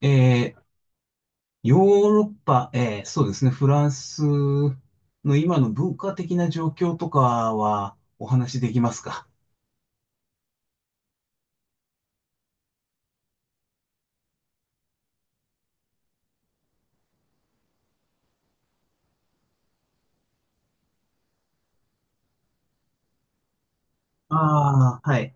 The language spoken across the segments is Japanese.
えーヨーロッパ、そうですね、フランスの今の文化的な状況とかはお話しできますか？ああー、はい。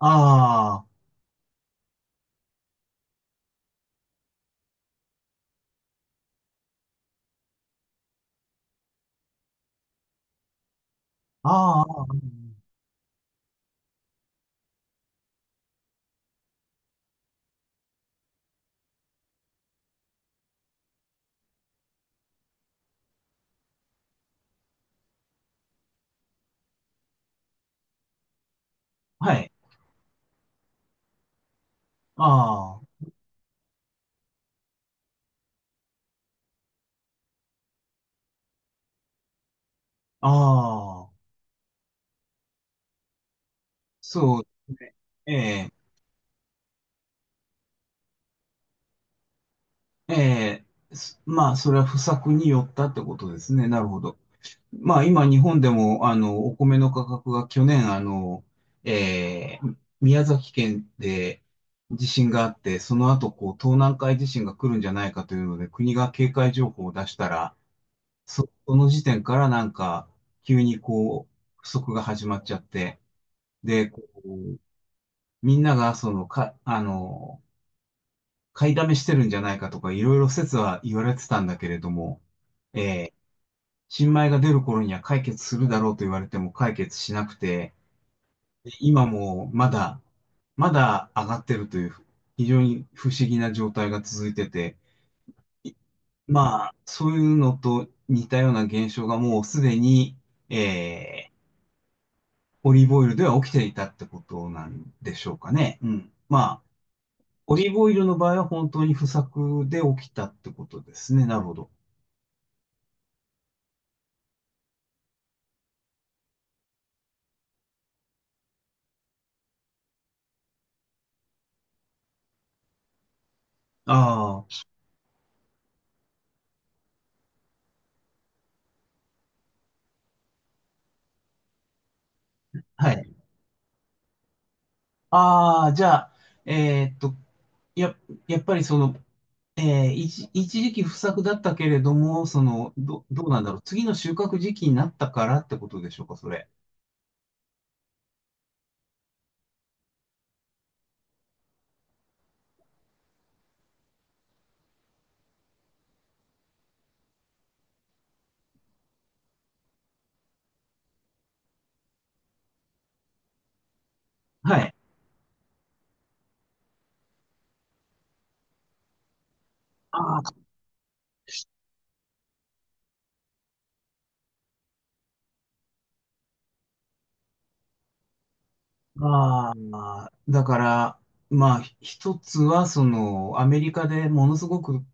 ああ、ああ、はい。ああ、ああ、そうですね。ええ、ええ、まあ、それは不作によったってことですね。なるほど。まあ今日本でもお米の価格が去年宮崎県で地震があって、その後こう東南海地震が来るんじゃないかというので国が警戒情報を出したら、その時点からなんか急にこう不足が始まっちゃって、で、こうみんながそのか、あの、買いだめしてるんじゃないかとかいろいろ説は言われてたんだけれども、えー新米が出る頃には解決するだろうと言われても解決しなくて、今もまだ、まだ上がってるという、非常に不思議な状態が続いてて、いまあ、そういうのと似たような現象がもうすでに、えー、オリーブオイルでは起きていたってことなんでしょうかね。うん。まあ、オリーブオイルの場合は本当に不作で起きたってことですね。なるほど。ああ、はい。ああ、じゃあ、えーっと、や、やっぱりその、一時期不作だったけれども、その、どうなんだろう。次の収穫時期になったからってことでしょうか、それ。はい。ああ、ああ、だから、まあ、一つは、その、アメリカでものすごく、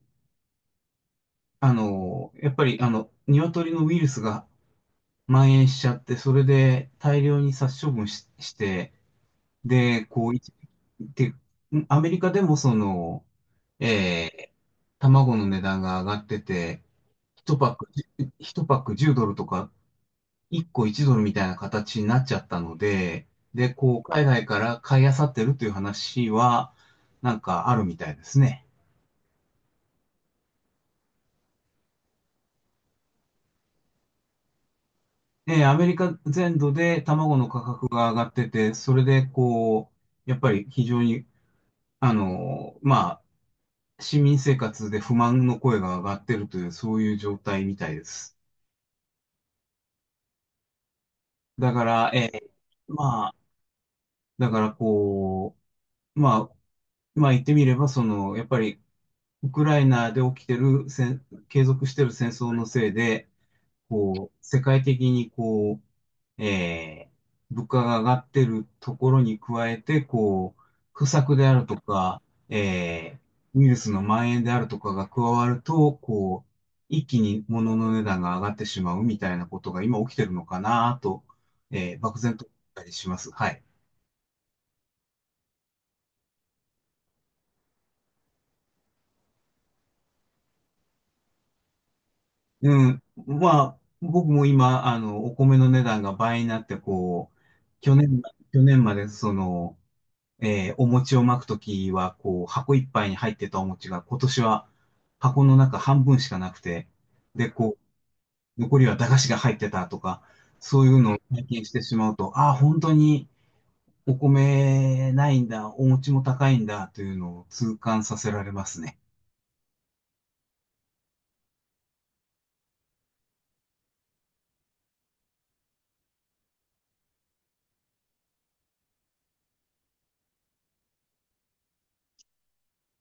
あの、やっぱり、あの、鶏のウイルスが蔓延しちゃって、それで大量に殺処分し、して、で、こう、で、アメリカでも、その、えー卵の値段が上がってて、一パック、一パック10ドルとか、一個1ドルみたいな形になっちゃったので、で、こう、海外から買い漁ってるという話は、なんかあるみたいですね。で、アメリカ全土で卵の価格が上がってて、それで、こう、やっぱり非常に、あの、まあ、市民生活で不満の声が上がってるという、そういう状態みたいです。だから、ーまあ、だからこう、まあ、まあ言ってみれば、その、やっぱりウクライナで起きてる継続してる戦争のせいで、こう、世界的にこう、物価が上がってるところに加えて、こう、不作であるとか、えウイルスの蔓延であるとかが加わると、こう、一気に物の値段が上がってしまうみたいなことが今起きてるのかなと、漠然と思ったりします。はい。うん。まあ、僕も今、あの、お米の値段が倍になって、こう、去年、去年まで、その、お餅を巻くときは、こう、箱いっぱいに入ってたお餅が、今年は箱の中半分しかなくて、で、こう、残りは駄菓子が入ってたとか、そういうのを体験してしまうと、ああ、本当にお米ないんだ、お餅も高いんだ、というのを痛感させられますね。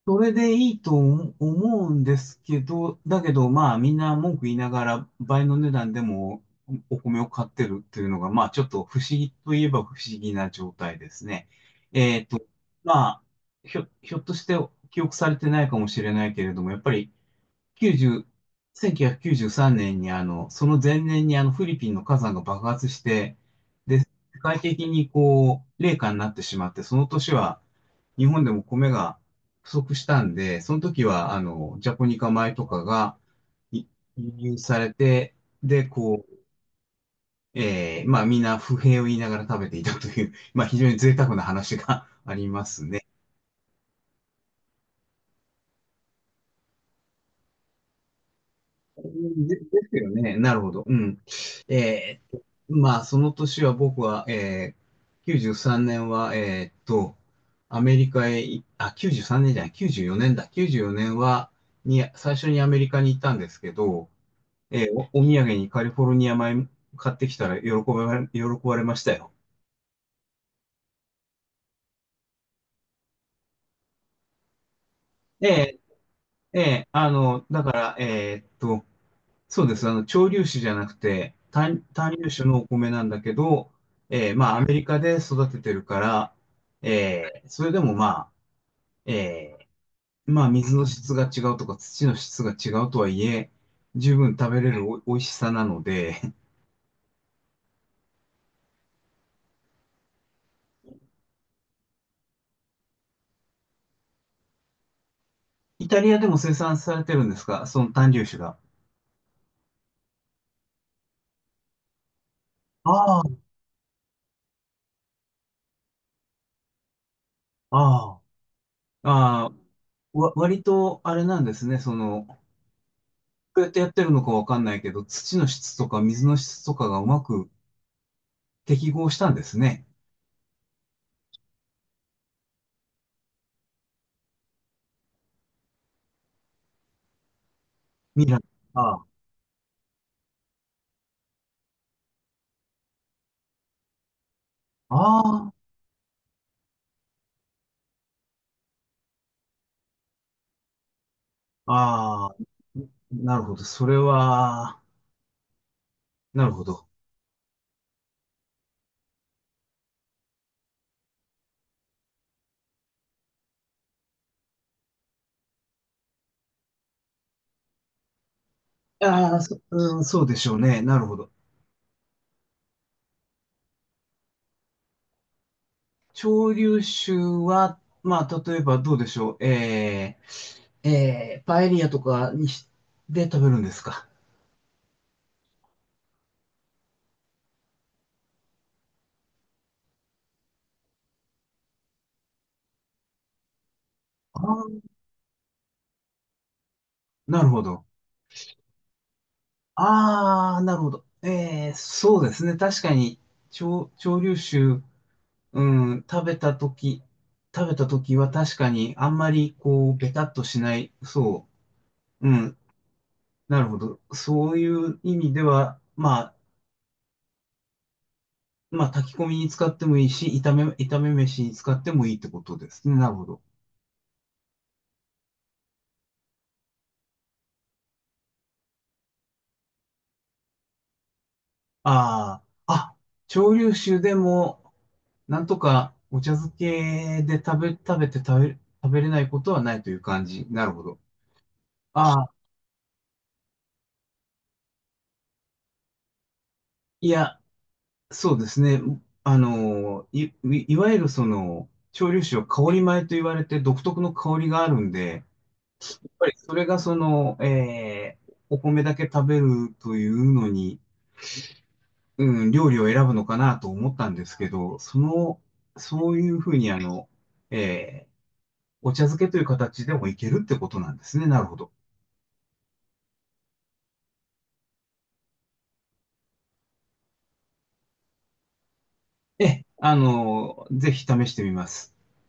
それでいいと思うんですけど、だけどまあみんな文句言いながら倍の値段でもお米を買ってるっていうのがまあちょっと不思議といえば不思議な状態ですね。えっと、まあひょっとして記憶されてないかもしれないけれども、やっぱり90、1993年にあの、その前年にあのフィリピンの火山が爆発して、で、世界的にこう、冷夏になってしまって、その年は日本でも米が不足したんで、その時はあの、ジャポニカ米とかがい輸入されて、で、こう、まあみんな不平を言いながら食べていたという、まあ非常に贅沢な話が ありますね。ですよね。なるほど。うん。えーまあ、その年は僕は、93年は、えーっと、アメリカへい、あ、93年じゅうさんねんじゃない、94年だ。94年は、最初にアメリカに行ったんですけど、えーお土産にカリフォルニア米買ってきたら喜ばれましたよ。ええええ。あの、だから、えーっと、そうです。あの、潮流種じゃなくて、単粒種のお米なんだけど、まあ、アメリカで育ててるから、それでもまあ、えまあ、水の質が違うとか、土の質が違うとはいえ、十分食べれる美味しさなので、イタリアでも生産されてるんですかその単粒種が。ああ、ああ、ああ、割とあれなんですね。その、どうやってやってるのかわかんないけど、土の質とか水の質とかがうまく適合したんですね。ミラああ、ああ、ああ、なるほど。それは、なるほど。ああ、うん、そうでしょうね。なるほど。潮流酒は、まあ、例えばどうでしょう。パエリアとかで食べるんですか。ああ、なるほど。ああ、なるほど。そうですね。確かに、潮流酒、うん、食べたとき、食べたときは確かにあんまりこう、ベタっとしない、そう。うん、なるほど。そういう意味では、まあ、まあ、炊き込みに使ってもいいし、炒め飯に使ってもいいってことですね。なるほど。ああ、蒸留酒でも、なんとかお茶漬けで食べ、食べて食べ、食べれないことはないという感じ。なるほど。ああ、いや、そうですね。あの、いわゆるその、蒸留酒は香り米と言われて独特の香りがあるんで、それがその、お米だけ食べるというのに、うん、料理を選ぶのかなと思ったんですけど、その、そういうふうにあの、えーお茶漬けという形でもいけるってことなんですね。なるほど。ええ、あの、ぜひ試してみます。